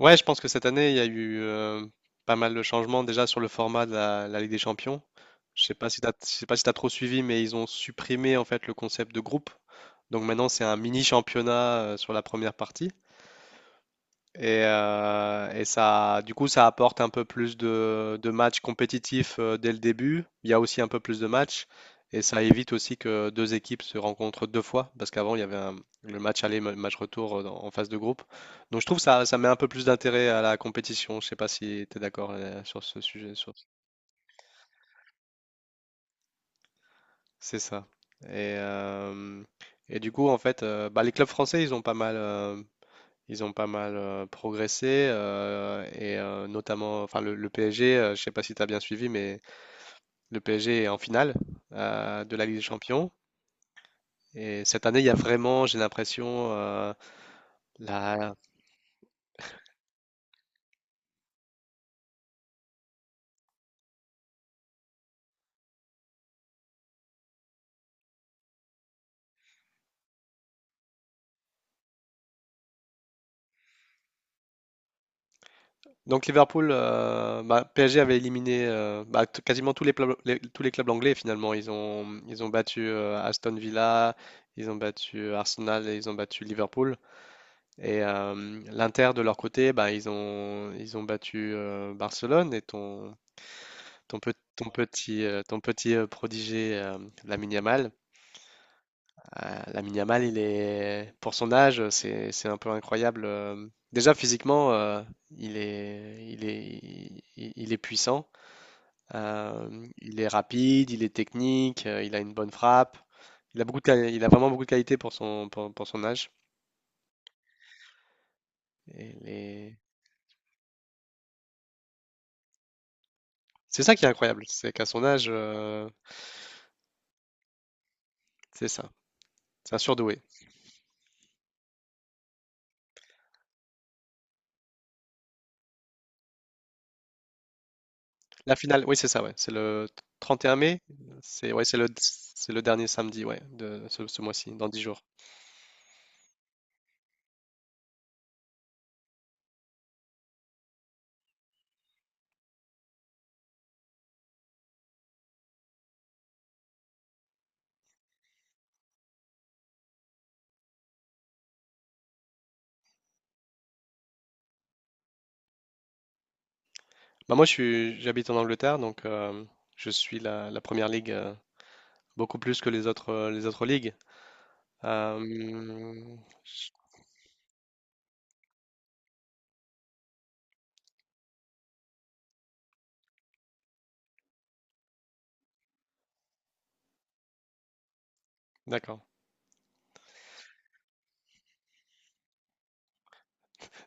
Ouais, je pense que cette année, il y a eu pas mal de changements déjà sur le format de la Ligue des Champions. Je sais pas si je sais pas si t'as trop suivi, mais ils ont supprimé en fait le concept de groupe. Donc maintenant, c'est un mini championnat sur la première partie. Et ça, du coup, ça apporte un peu plus de matchs compétitifs dès le début. Il y a aussi un peu plus de matchs. Et ça évite aussi que deux équipes se rencontrent deux fois. Parce qu'avant, il y avait un- le match aller, le match retour en phase de groupe. Donc je trouve ça met un peu plus d'intérêt à la compétition. Je sais pas si tu es d'accord sur ce sujet. C'est ça. Et, euh, et du coup, en fait, bah, les clubs français, ils ont pas mal progressé et notamment, enfin le PSG, je sais pas si tu as bien suivi, mais le PSG est en finale de la Ligue des Champions. Et cette année, il y a vraiment, j'ai l'impression, la... donc Liverpool, bah, PSG avait éliminé quasiment tous les clubs anglais finalement. Ils ont battu Aston Villa, ils ont battu Arsenal et ils ont battu Liverpool. Et l'Inter de leur côté, bah, ils ont battu Barcelone et ton petit prodigé, Lamine Yamal, Lamine Yamal, pour son âge, c'est un peu incroyable. Déjà, physiquement, il est, il est, il- est puissant. Il est rapide, il est technique, il a une bonne frappe. Il a beaucoup de qualité pour pour son âge. Et les- C'est ça qui est incroyable, c'est qu'à son âge, c'est ça. C'est un surdoué. La finale, oui, c'est ça, ouais. C'est le 31 mai. C'est le dernier samedi, ouais, de ce mois-ci, dans dix jours. Bah, j'habite en Angleterre, donc je suis la première ligue beaucoup plus que les autres ligues. Euh, je- d'accord.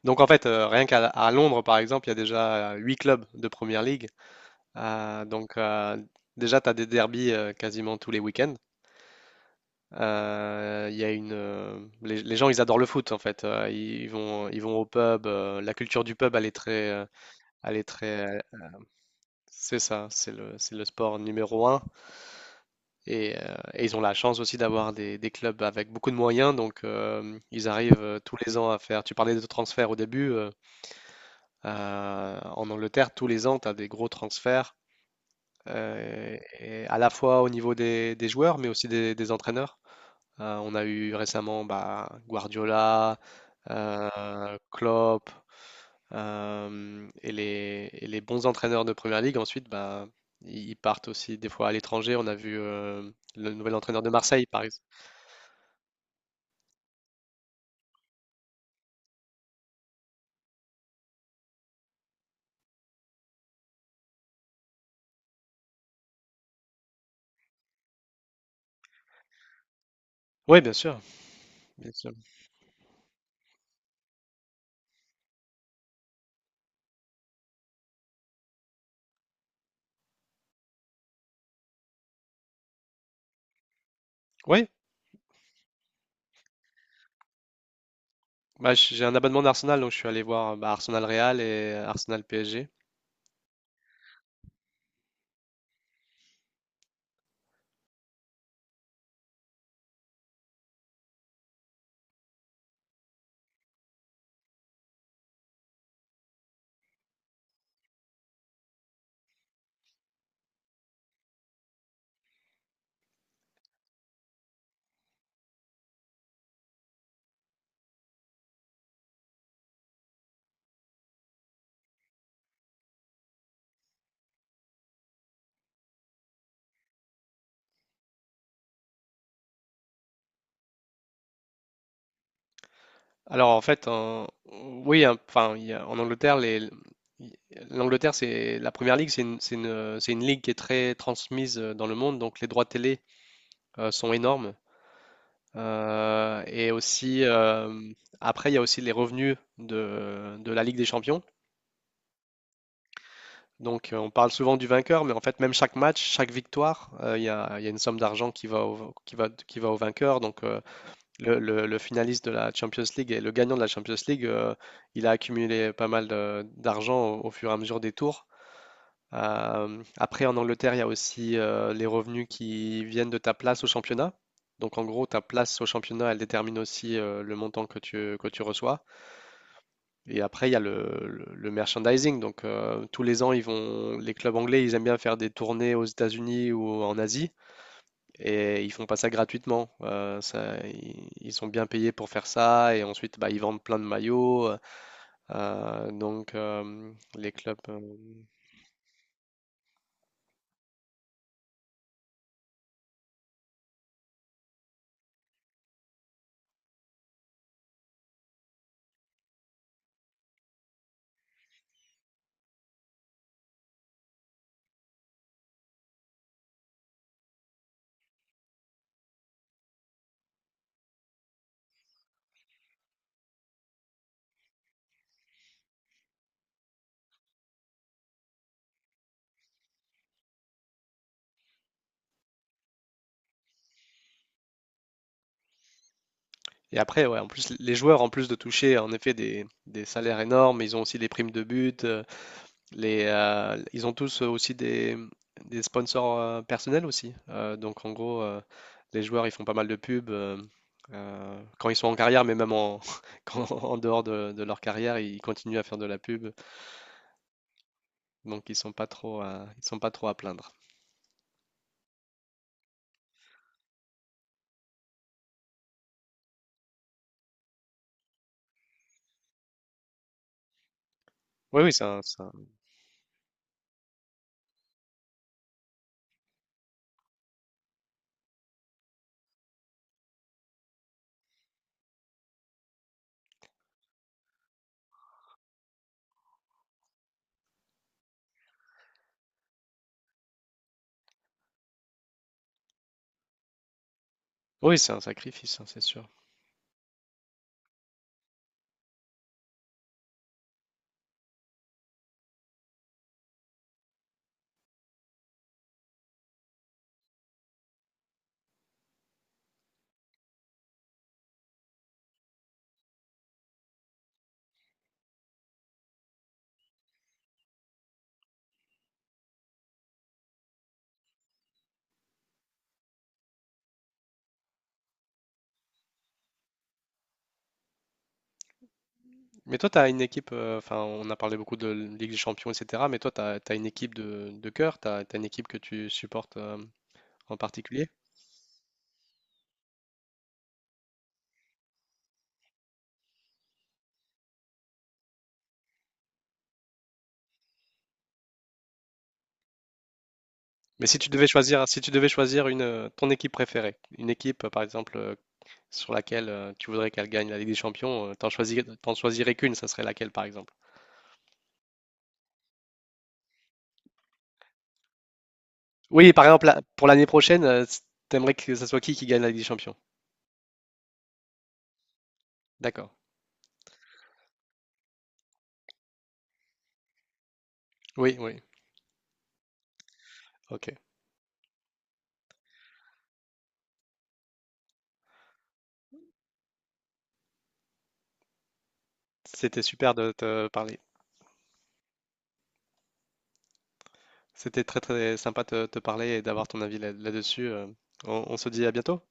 Donc, en fait, rien qu'à à Londres, par exemple, il y a déjà 8 clubs de première ligue. Euh, donc, euh, déjà, tu as des derbies quasiment tous les week-ends. Il y a une, les gens, ils adorent le foot en fait. Ils vont au pub. La culture du pub, elle est très, c'est ça, c'est le sport numéro un. Et ils ont la chance aussi d'avoir des clubs avec beaucoup de moyens. Donc ils arrivent tous les ans à faire. Tu parlais de transferts au début. En Angleterre, tous les ans, tu as des gros transferts, et à la fois au niveau des joueurs, mais aussi des entraîneurs. On a eu récemment bah, Guardiola, Klopp, et les bons entraîneurs de Première Ligue, ensuite, bah, ils partent aussi des fois à l'étranger. On a vu le nouvel entraîneur de Marseille, par exemple. Oui, bien sûr, bien sûr. Oui, bah, j'ai un abonnement d'Arsenal, donc je suis allé voir bah, Arsenal Real et Arsenal PSG. Alors en fait, en- oui, hein, enfin, en Angleterre, l'Angleterre, c'est la Première Ligue, c'est une ligue qui est très transmise dans le monde, donc les droits télé sont énormes. Euh, et aussi, euh, Après, il y a aussi les revenus de la Ligue des Champions. Donc on parle souvent du vainqueur, mais en fait, même chaque match, chaque victoire, il y a une somme d'argent qui va qui va au vainqueur. Donc le finaliste de la Champions League et le gagnant de la Champions League, il a accumulé pas mal d'argent au fur et à mesure des tours. Après, en Angleterre, il y a aussi les revenus qui viennent de ta place au championnat. Donc, en gros, ta place au championnat, elle détermine aussi le montant que que tu reçois. Et après, il y a le merchandising. Donc, tous les ans, les clubs anglais, ils aiment bien faire des tournées aux États-Unis ou en Asie. Et ils font pas ça gratuitement. Sont bien payés pour faire ça. Et ensuite, bah, ils vendent plein de maillots. Donc, les clubs. Et après, ouais, en plus, les joueurs, en plus de toucher en effet des salaires énormes, ils ont aussi des primes de but. Ils ont tous aussi des sponsors personnels aussi. En gros, les joueurs, ils font pas mal de pubs quand ils sont en carrière, mais même en dehors de leur carrière, ils continuent à faire de la pub. Donc ils sont pas trop ils sont pas trop à plaindre. Oui, oui, c'est un, c'est un- oui, c'est un sacrifice, hein, c'est sûr. Mais toi, tu as une équipe, enfin, on a parlé beaucoup de Ligue des Champions, etc. Mais toi, tu as, une équipe de cœur, tu as, une équipe que tu supportes en particulier? Mais si tu devais choisir, si tu devais choisir une, ton équipe préférée, une équipe, par exemple, sur laquelle tu voudrais qu'elle gagne la Ligue des Champions, t'en choisirais qu'une, ça serait laquelle par exemple? Oui, par exemple, pour l'année prochaine, t'aimerais que ce soit qui gagne la Ligue des Champions? D'accord. Oui, oui. Ok. C'était super de te parler. C'était très très sympa de te parler et d'avoir ton avis là-dessus. On se dit à bientôt?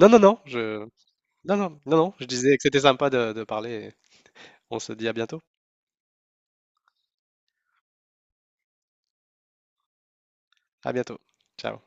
Non, non, non, je... Non, non, non, non, je disais que c'était sympa de parler. Et on se dit à bientôt. À bientôt. Ciao.